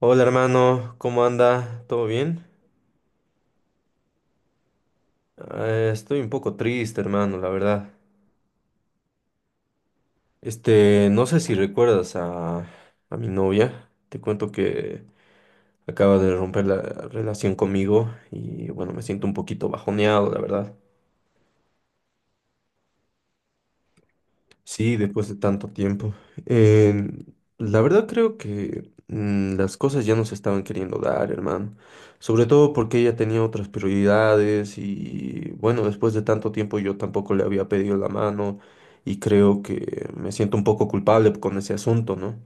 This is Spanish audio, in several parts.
Hola hermano, ¿cómo anda? ¿Todo bien? Estoy un poco triste, hermano, la verdad. Este, no sé si recuerdas a mi novia. Te cuento que acaba de romper la relación conmigo y bueno, me siento un poquito bajoneado, la verdad. Sí, después de tanto tiempo. Eh, la verdad creo que las cosas ya no se estaban queriendo dar, hermano. Sobre todo porque ella tenía otras prioridades y bueno, después de tanto tiempo yo tampoco le había pedido la mano y creo que me siento un poco culpable con ese asunto, ¿no?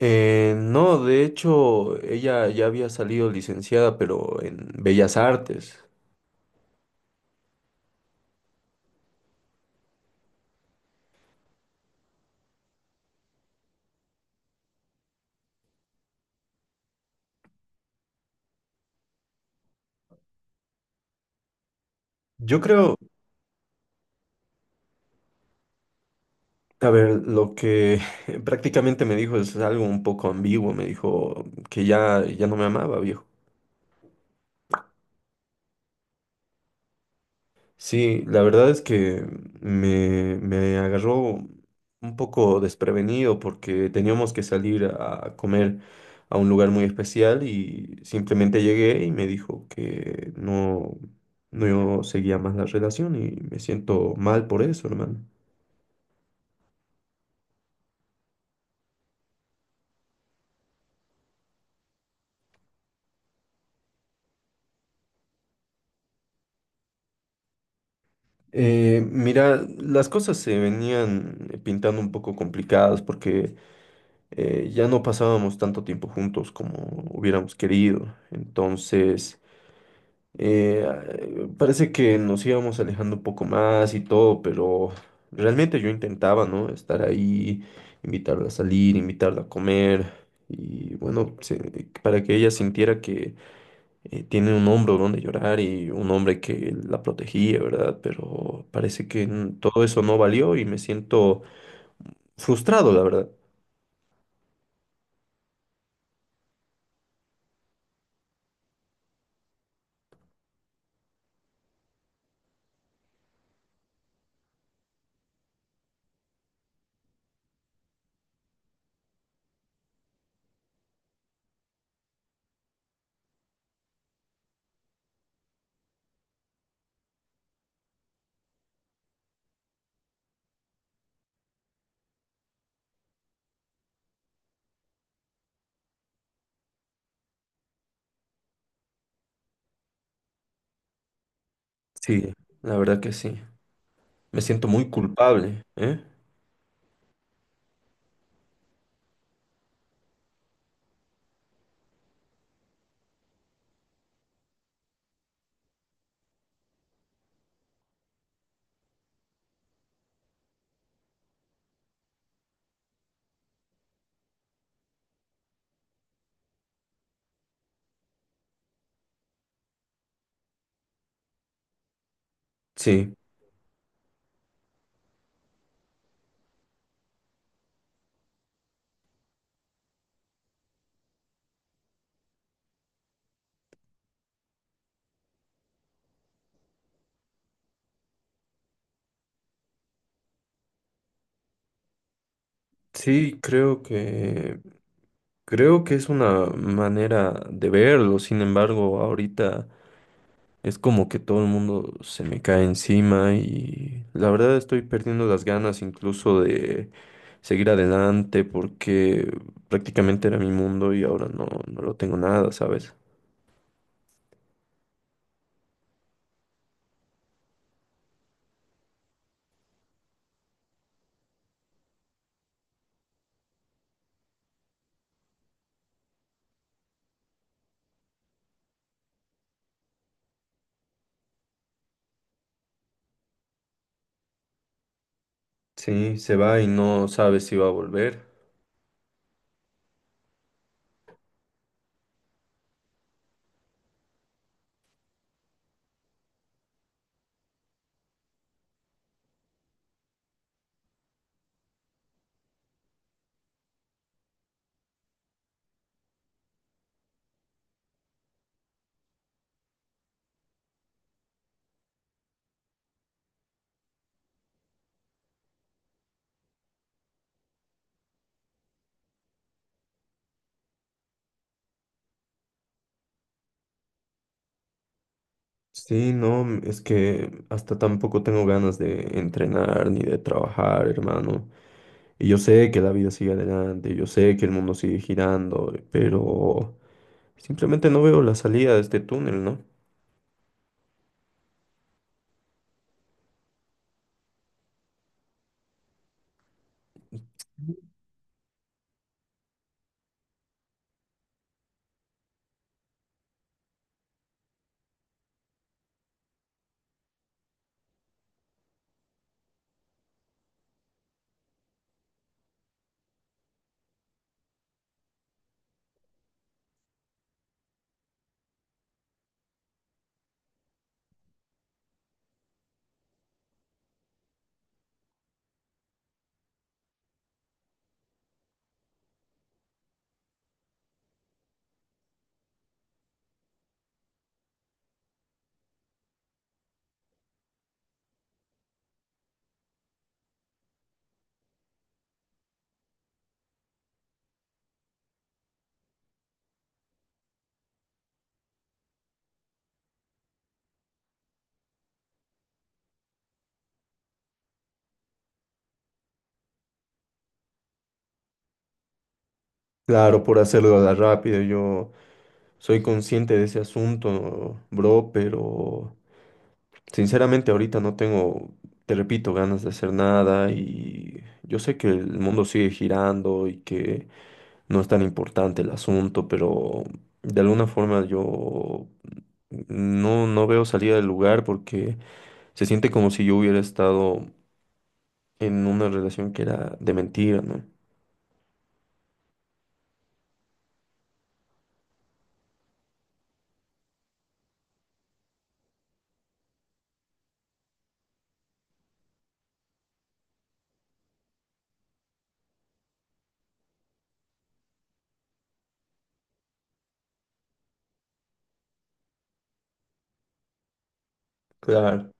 No, de hecho, ella ya había salido licenciada, pero en Bellas Artes. Yo creo... A ver, lo que prácticamente me dijo es algo un poco ambiguo. Me dijo que ya no me amaba, viejo. Sí, la verdad es que me agarró un poco desprevenido porque teníamos que salir a comer a un lugar muy especial y simplemente llegué y me dijo que no, no seguía más la relación y me siento mal por eso, hermano. Mira, las cosas se venían pintando un poco complicadas porque ya no pasábamos tanto tiempo juntos como hubiéramos querido. Entonces, eh, parece que nos íbamos alejando un poco más y todo, pero realmente yo intentaba, ¿no? Estar ahí, invitarla a salir, invitarla a comer. Y bueno, para que ella sintiera que tiene un hombro donde llorar y un hombre que la protegía, ¿verdad? Pero parece que todo eso no valió y me siento frustrado, la verdad. Sí, la verdad que sí. Me siento muy culpable, ¿eh? Sí, sí, creo que es una manera de verlo. Sin embargo, ahorita es como que todo el mundo se me cae encima y la verdad estoy perdiendo las ganas incluso de seguir adelante porque prácticamente era mi mundo y ahora no, no lo tengo nada, ¿sabes? Sí, se va y no sabes si va a volver. Sí, no, es que hasta tampoco tengo ganas de entrenar ni de trabajar, hermano. Y yo sé que la vida sigue adelante, yo sé que el mundo sigue girando, pero simplemente no veo la salida de este túnel, ¿no? Claro, por hacerlo a la rápida, yo soy consciente de ese asunto, bro, pero sinceramente, ahorita no tengo, te repito, ganas de hacer nada y yo sé que el mundo sigue girando y que no es tan importante el asunto, pero de alguna forma yo no, no veo salida del lugar porque se siente como si yo hubiera estado en una relación que era de mentira, ¿no? Claro.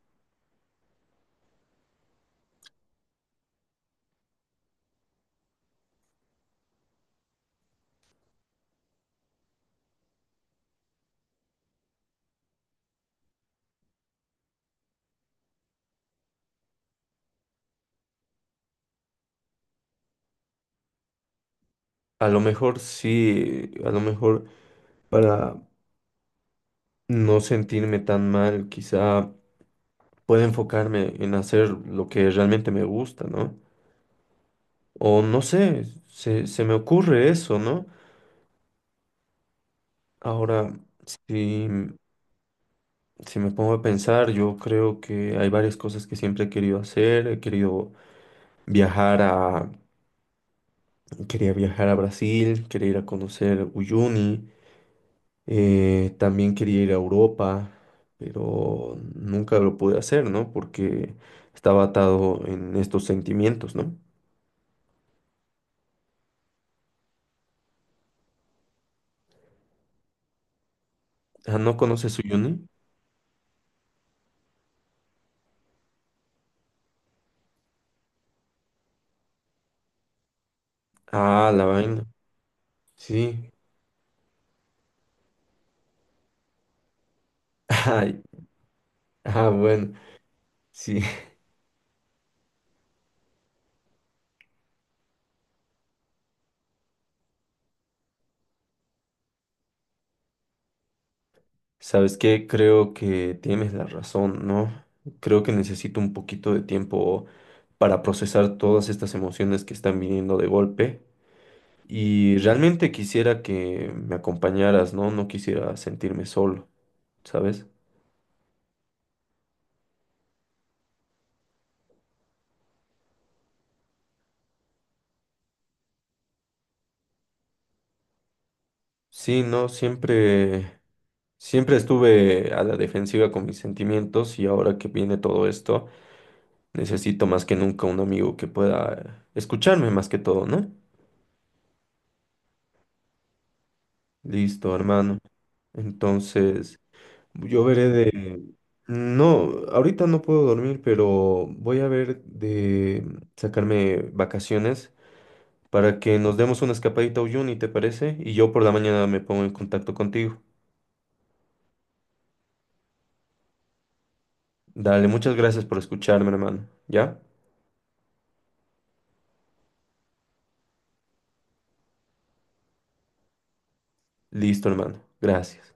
A lo mejor sí, a lo mejor para no sentirme tan mal, quizá puedo enfocarme en hacer lo que realmente me gusta, ¿no? O no sé, se me ocurre eso, ¿no? Ahora, si, si me pongo a pensar, yo creo que hay varias cosas que siempre he querido hacer. He querido viajar a, quería viajar a Brasil, quería ir a conocer Uyuni, también quería ir a Europa, pero nunca lo pude hacer, ¿no? Porque estaba atado en estos sentimientos, ¿no? Ah, ¿no conoces Uyuni? Ah, la vaina. Sí. Ay, ah, bueno. Sí. Sabes que creo que tienes la razón, ¿no? Creo que necesito un poquito de tiempo para procesar todas estas emociones que están viniendo de golpe. Y realmente quisiera que me acompañaras, ¿no? No quisiera sentirme solo, ¿sabes? Sí, no, siempre, siempre estuve a la defensiva con mis sentimientos y ahora que viene todo esto. Necesito más que nunca un amigo que pueda escucharme más que todo, ¿no? Listo, hermano. Entonces, yo veré de... No, ahorita no puedo dormir, pero voy a ver de sacarme vacaciones para que nos demos una escapadita a Uyuni, ¿te parece? Y yo por la mañana me pongo en contacto contigo. Dale, muchas gracias por escucharme, hermano. ¿Ya? Listo, hermano. Gracias.